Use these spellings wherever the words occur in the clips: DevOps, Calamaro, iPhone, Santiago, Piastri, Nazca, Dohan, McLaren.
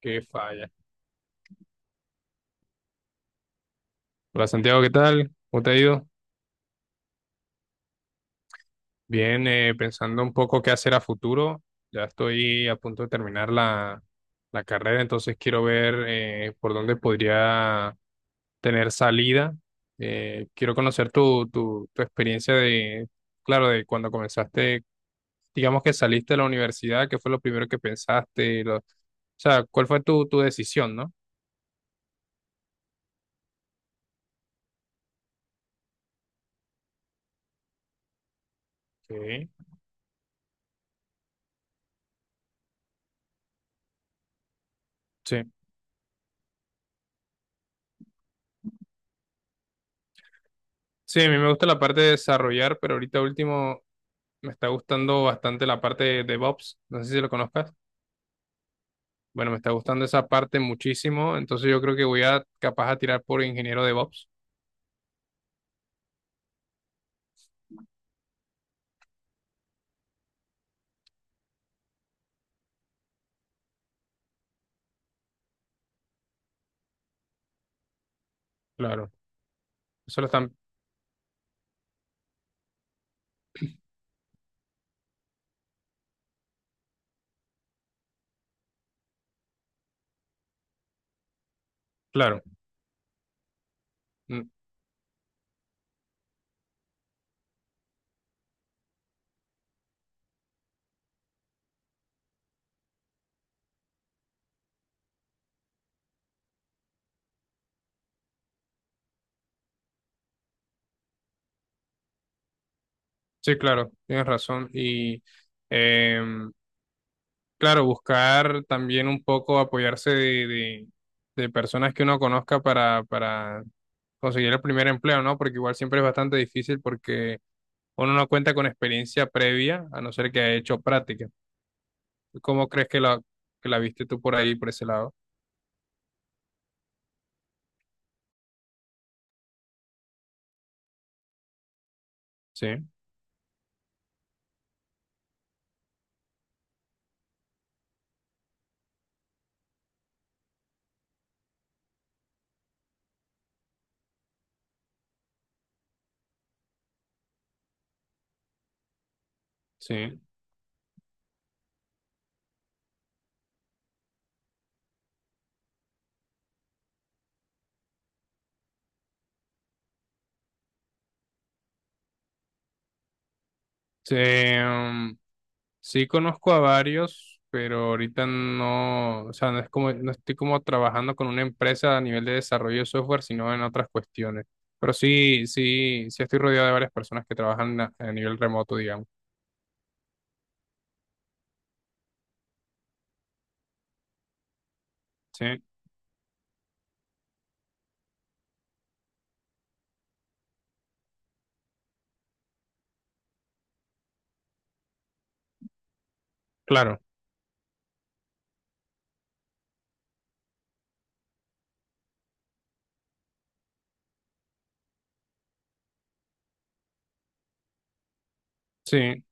Qué falla. Hola Santiago, ¿qué tal? ¿Cómo te ha ido? Bien, pensando un poco qué hacer a futuro. Ya estoy a punto de terminar la carrera, entonces quiero ver por dónde podría tener salida. Quiero conocer tu experiencia de, claro, de cuando comenzaste, digamos que saliste de la universidad, ¿qué fue lo primero que pensaste? O sea, ¿cuál fue tu decisión, no? Sí. Sí. Sí, a mí me gusta la parte de desarrollar, pero ahorita último me está gustando bastante la parte de DevOps. No sé si lo conozcas. Bueno, me está gustando esa parte muchísimo, entonces yo creo que voy a capaz a tirar por ingeniero DevOps. Claro, eso lo están, claro. Mm. Sí, claro, tienes razón. Y em, claro, buscar también un poco apoyarse de, de personas que uno conozca para conseguir el primer empleo, ¿no? Porque igual siempre es bastante difícil porque uno no cuenta con experiencia previa, a no ser que haya hecho práctica. ¿Cómo crees que la viste tú por ahí, por ese lado? Sí, sí. Sí, sí conozco a varios, pero ahorita no, o sea, no es como, no estoy como trabajando con una empresa a nivel de desarrollo de software, sino en otras cuestiones. Pero sí, sí, sí estoy rodeado de varias personas que trabajan a nivel remoto, digamos. Sí, claro, sí.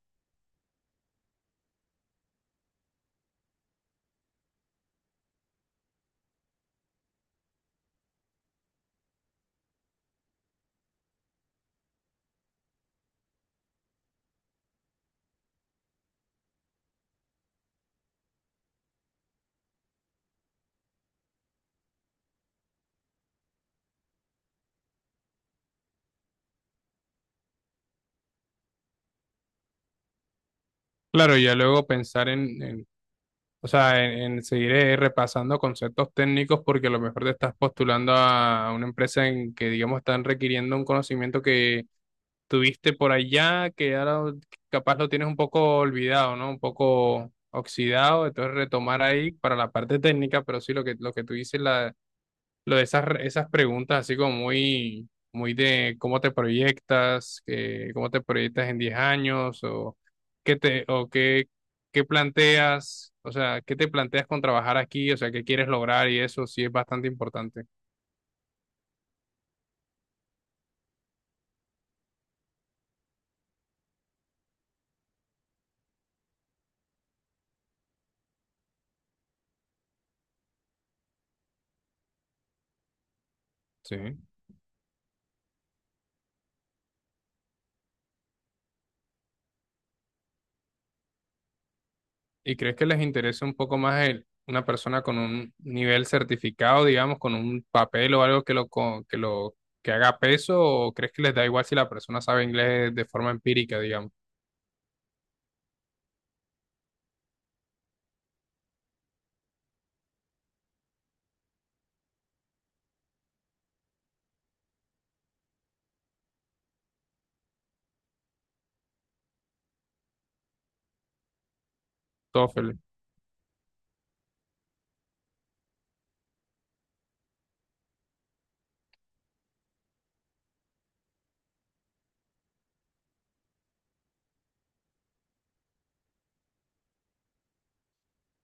Claro, ya luego pensar o sea, en seguir repasando conceptos técnicos porque a lo mejor te estás postulando a una empresa en que, digamos, están requiriendo un conocimiento que tuviste por allá, que ahora capaz lo tienes un poco olvidado, ¿no? Un poco oxidado, entonces retomar ahí para la parte técnica, pero sí lo que, tú dices, lo de esas, esas preguntas así como muy, muy de cómo te proyectas, que, cómo te proyectas en 10 años o qué te, o qué, qué planteas, o sea, qué te planteas con trabajar aquí, o sea, qué quieres lograr y eso sí es bastante importante. Sí. ¿Y crees que les interesa un poco más una persona con un nivel certificado, digamos, con un papel o algo que lo, co- que lo, que haga peso o crees que les da igual si la persona sabe inglés de forma empírica, digamos?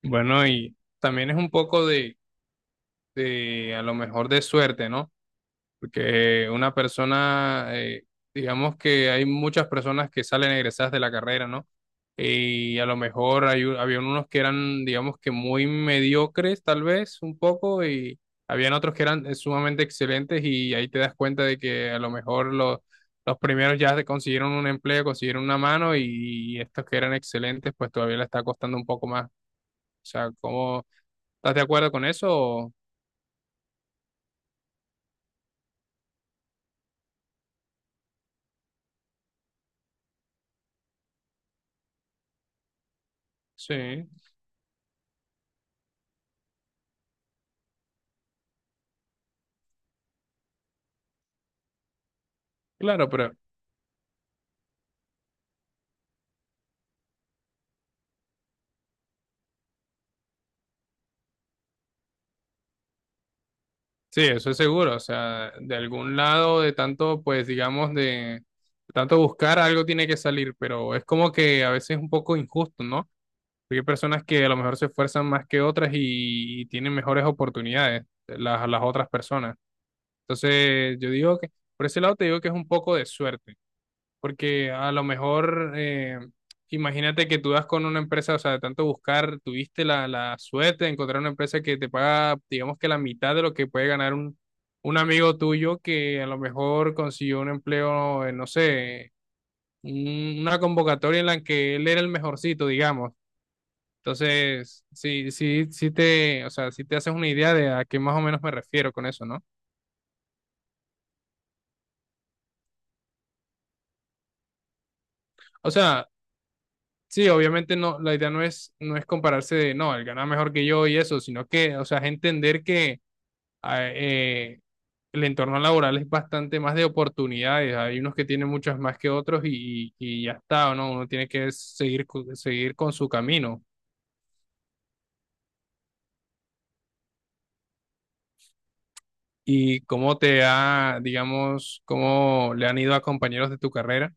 Bueno, y también es un poco a lo mejor de suerte, ¿no? Porque una persona, digamos que hay muchas personas que salen egresadas de la carrera, ¿no? Y a lo mejor había unos que eran, digamos que muy mediocres, tal vez, un poco, y habían otros que eran sumamente excelentes, y ahí te das cuenta de que a lo mejor los primeros ya consiguieron un empleo, consiguieron una mano, y estos que eran excelentes, pues todavía le está costando un poco más. O sea, ¿cómo estás de acuerdo con eso? Sí, claro, pero sí, eso es seguro. O sea, de algún lado, de tanto, pues digamos, de, tanto buscar, algo tiene que salir, pero es como que a veces es un poco injusto, ¿no? Porque hay personas que a lo mejor se esfuerzan más que otras y tienen mejores oportunidades las otras personas. Entonces, yo digo por ese lado te digo que es un poco de suerte. Porque a lo mejor, imagínate que tú das con una empresa, o sea, de tanto buscar, tuviste la, suerte de encontrar una empresa que te paga, digamos que la mitad de lo que puede ganar un amigo tuyo que a lo mejor consiguió un empleo, en, no sé, una convocatoria en la que él era el mejorcito, digamos. Entonces, sí, sí, o sea, sí te haces una idea de a qué más o menos me refiero con eso, ¿no? O sea, sí, obviamente no, la idea no es compararse de, no, él gana mejor que yo y eso, sino que, o sea, es entender que ah, eh, el entorno laboral es bastante más de oportunidades, hay unos que tienen muchas más que otros y ya está, ¿no? Uno tiene que seguir, seguir con su camino. ¿Y cómo digamos, cómo le han ido a compañeros de tu carrera,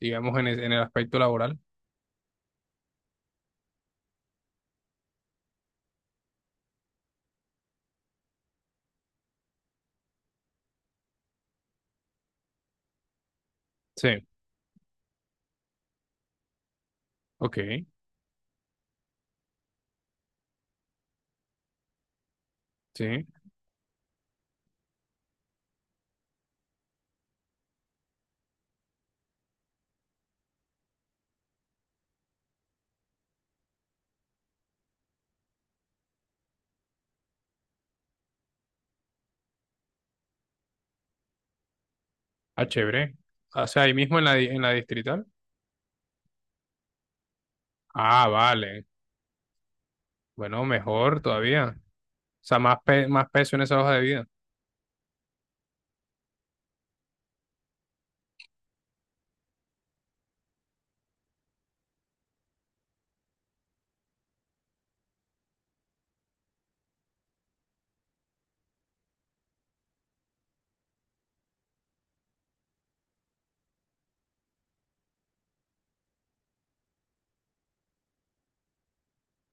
digamos, en el aspecto laboral? Sí, ok, sí, ah, chévere. O sea, ahí mismo en la distrital. Ah, vale. Bueno, mejor todavía. O sea, más, más peso en esa hoja de vida.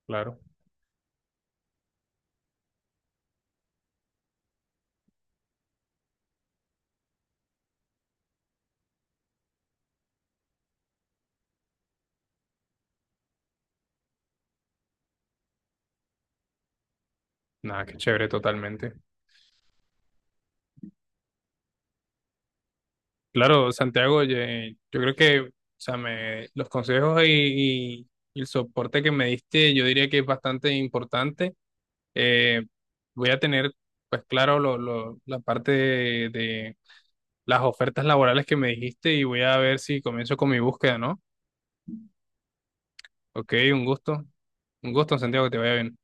Claro. Nada, qué chévere totalmente. Claro, Santiago, oye, yo creo que, o sea, los consejos y el soporte que me diste, yo diría que es bastante importante. Eh, Voy a tener, pues claro, la parte de, las ofertas laborales que me dijiste y voy a ver si comienzo con mi búsqueda, ¿no? Ok, un gusto. Un gusto, Santiago, que te vaya bien.